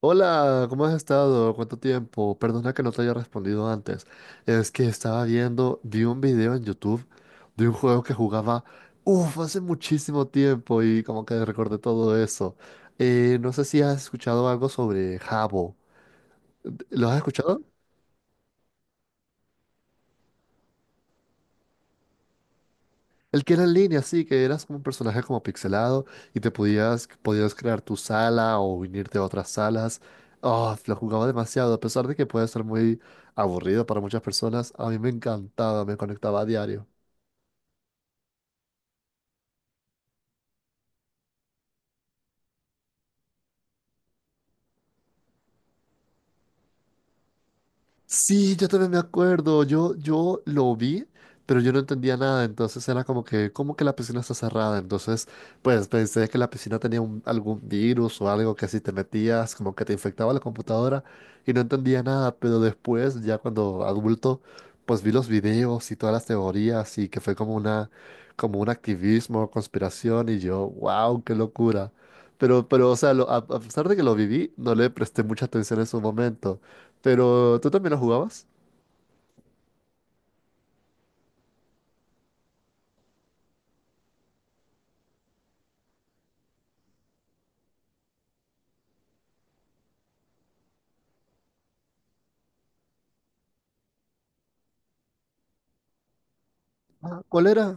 Hola, ¿cómo has estado? ¿Cuánto tiempo? Perdona que no te haya respondido antes. Es que vi un video en YouTube de un juego que jugaba, uff, hace muchísimo tiempo y como que recordé todo eso. No sé si has escuchado algo sobre Habbo. ¿Lo has escuchado? El que era en línea, sí, que eras como un personaje como pixelado y te podías crear tu sala o unirte a otras salas. Oh, lo jugaba demasiado, a pesar de que puede ser muy aburrido para muchas personas, a mí me encantaba, me conectaba a diario. Sí, yo también me acuerdo. Yo lo vi, pero yo no entendía nada. Entonces era como que la piscina está cerrada. Entonces, pues pensé que la piscina tenía algún virus o algo que si te metías, como que te infectaba la computadora y no entendía nada. Pero después, ya cuando adulto, pues vi los videos y todas las teorías y que fue como un activismo, conspiración y yo, wow, qué locura. Pero, o sea, a pesar de que lo viví, no le presté mucha atención en su momento. Pero tú también lo jugabas. Ah, ¿cuál era?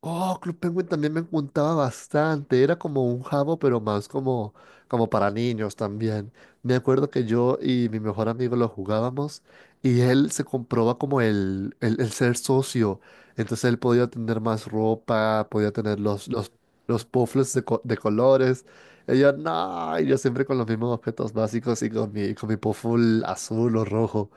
Oh, Club Penguin también me encantaba bastante. Era como un jabo, pero más como para niños también. Me acuerdo que yo y mi mejor amigo lo jugábamos y él se comprobaba como el ser socio. Entonces él podía tener más ropa, podía tener los puffles de colores. Y yo, no, y yo siempre con los mismos objetos básicos y con mi puffle azul o rojo.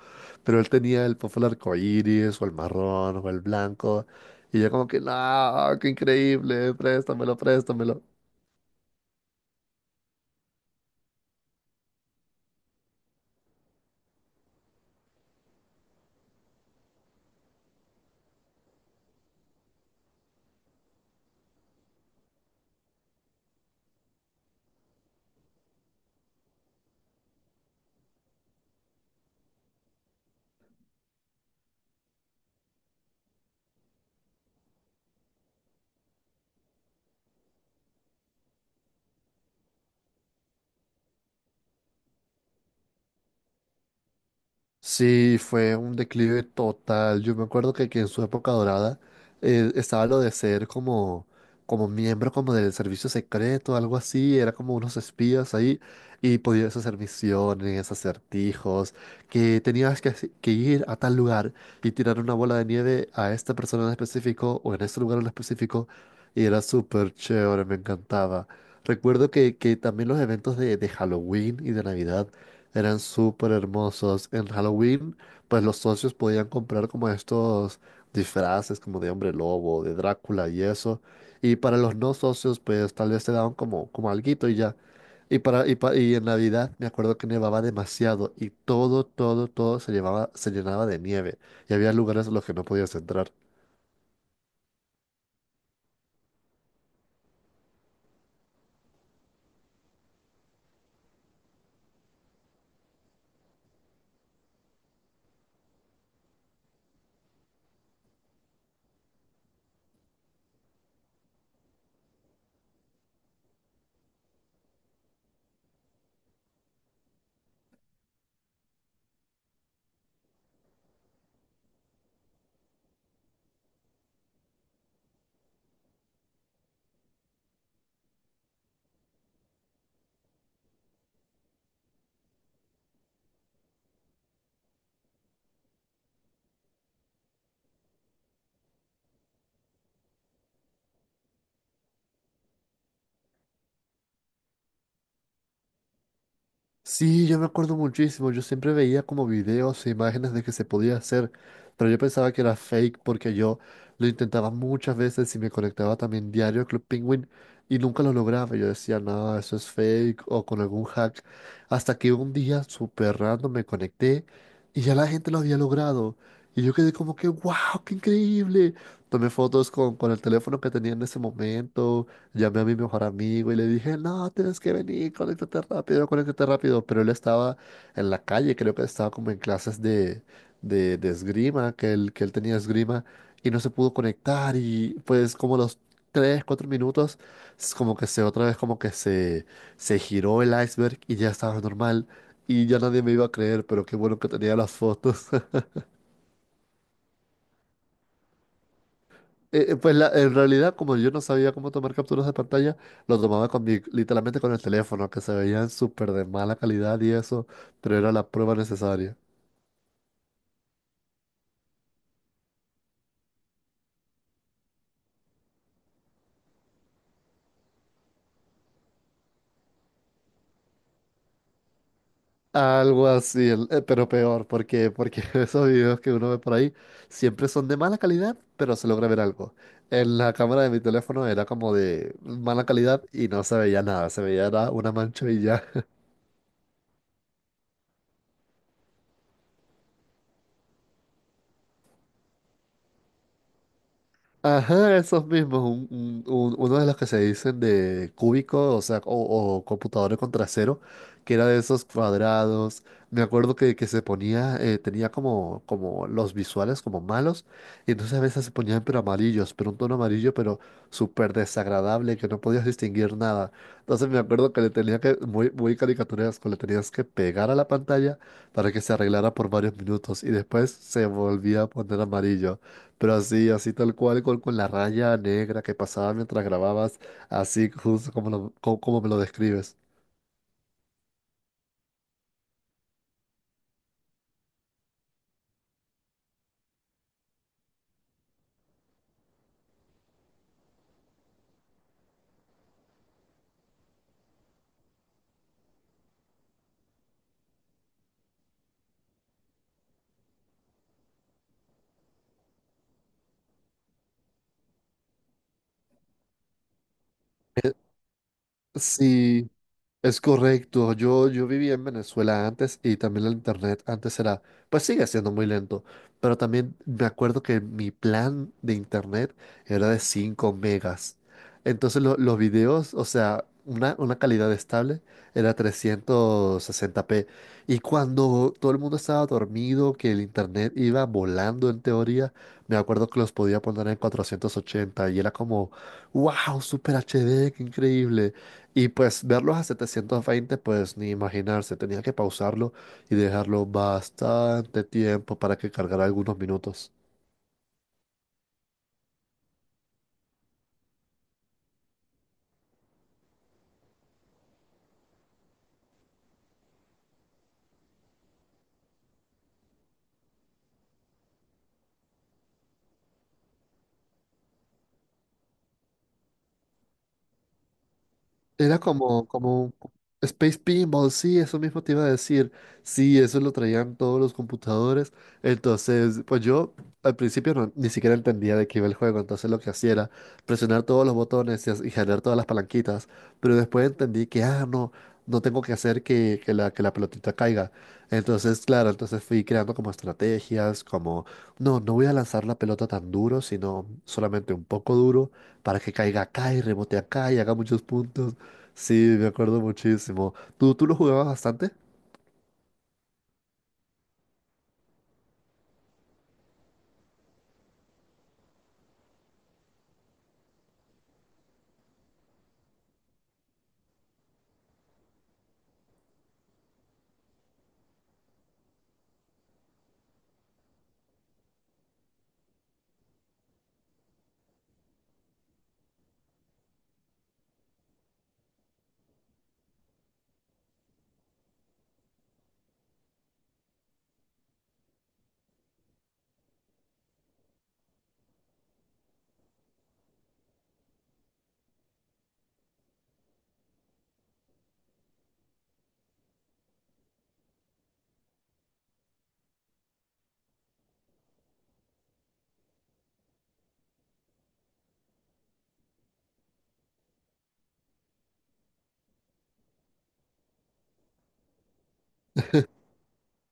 Pero él tenía el puffle arcoíris o el marrón o el blanco. Y yo como que, no, qué increíble, préstamelo, préstamelo. Sí, fue un declive total. Yo me acuerdo que en su época dorada estaba lo de ser como miembro como del servicio secreto, algo así. Era como unos espías ahí y podías hacer misiones, acertijos, que tenías que ir a tal lugar y tirar una bola de nieve a esta persona en específico o en este lugar en específico. Y era súper chévere, me encantaba. Recuerdo que también los eventos de Halloween y de Navidad. Eran súper hermosos. En Halloween, pues los socios podían comprar como estos disfraces como de hombre lobo, de Drácula y eso. Y para los no socios, pues tal vez te daban como alguito y ya. Y en Navidad me acuerdo que nevaba demasiado y todo se llenaba de nieve y había lugares a los que no podías entrar. Sí, yo me acuerdo muchísimo. Yo siempre veía como videos e imágenes de que se podía hacer, pero yo pensaba que era fake porque yo lo intentaba muchas veces y me conectaba también diario a Club Penguin y nunca lo lograba. Yo decía, no, eso es fake o con algún hack. Hasta que un día, súper random, me conecté y ya la gente lo había logrado. Y yo quedé como que, wow, qué increíble. Tomé fotos con el teléfono que tenía en ese momento. Llamé a mi mejor amigo y le dije, no, tienes que venir, conéctate rápido, conéctate rápido. Pero él estaba en la calle, creo que estaba como en clases de esgrima, que él tenía esgrima, y no se pudo conectar. Y pues como los tres, cuatro minutos, es como que se otra vez como que se giró el iceberg y ya estaba normal. Y ya nadie me iba a creer, pero qué bueno que tenía las fotos. Pues en realidad, como yo no sabía cómo tomar capturas de pantalla, lo tomaba con mi, literalmente con el teléfono, que se veían súper de mala calidad y eso, pero era la prueba necesaria. Algo así, pero peor, porque, esos videos que uno ve por ahí siempre son de mala calidad, pero se logra ver algo. En la cámara de mi teléfono era como de mala calidad y no se veía nada, se veía era una mancha. Ajá, esos mismos, uno de los que se dicen de cúbico, o sea, o computadora con trasero, que era de esos cuadrados. Me acuerdo que se ponía, tenía como, los visuales como malos, y entonces a veces se ponían pero amarillos, pero un tono amarillo, pero súper desagradable, que no podías distinguir nada. Entonces me acuerdo que le tenía que, muy, muy caricaturesco, le tenías que pegar a la pantalla para que se arreglara por varios minutos, y después se volvía a poner amarillo. Pero así, así tal cual, con la raya negra que pasaba mientras grababas, así justo como, como me lo describes. Sí, es correcto, yo vivía en Venezuela antes y también el internet antes era, pues sigue siendo muy lento, pero también me acuerdo que mi plan de internet era de 5 megas. Entonces los videos, o sea, una calidad estable era 360p. Y cuando todo el mundo estaba dormido, que el internet iba volando en teoría, me acuerdo que los podía poner en 480 y era como, wow, super HD, qué increíble. Y pues verlos a 720 pues ni imaginarse, tenía que pausarlo y dejarlo bastante tiempo para que cargara algunos minutos. Era como un Space Pinball, sí, eso mismo te iba a decir. Sí, eso lo traían todos los computadores. Entonces, pues yo al principio ni siquiera entendía de qué iba el juego. Entonces lo que hacía era presionar todos los botones y jalar todas las palanquitas. Pero después entendí que, ah, no, no tengo que hacer que la pelotita caiga. Entonces, claro, entonces fui creando como estrategias, como, no, no voy a lanzar la pelota tan duro, sino solamente un poco duro para que caiga acá y rebote acá y haga muchos puntos. Sí, me acuerdo muchísimo. ¿Tú lo jugabas bastante?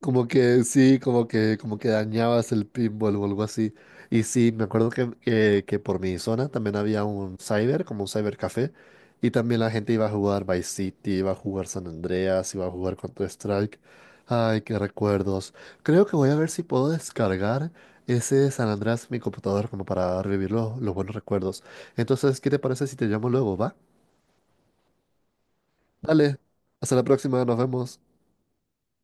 Como que sí, como que dañabas el pinball o algo así. Y sí, me acuerdo que por mi zona también había un cyber, como un cybercafé. Y también la gente iba a jugar Vice City, iba a jugar San Andreas, iba a jugar Counter-Strike. Ay, qué recuerdos. Creo que voy a ver si puedo descargar ese San Andreas en mi computador como para revivir los buenos recuerdos. Entonces, ¿qué te parece si te llamo luego, va? Dale, hasta la próxima, nos vemos.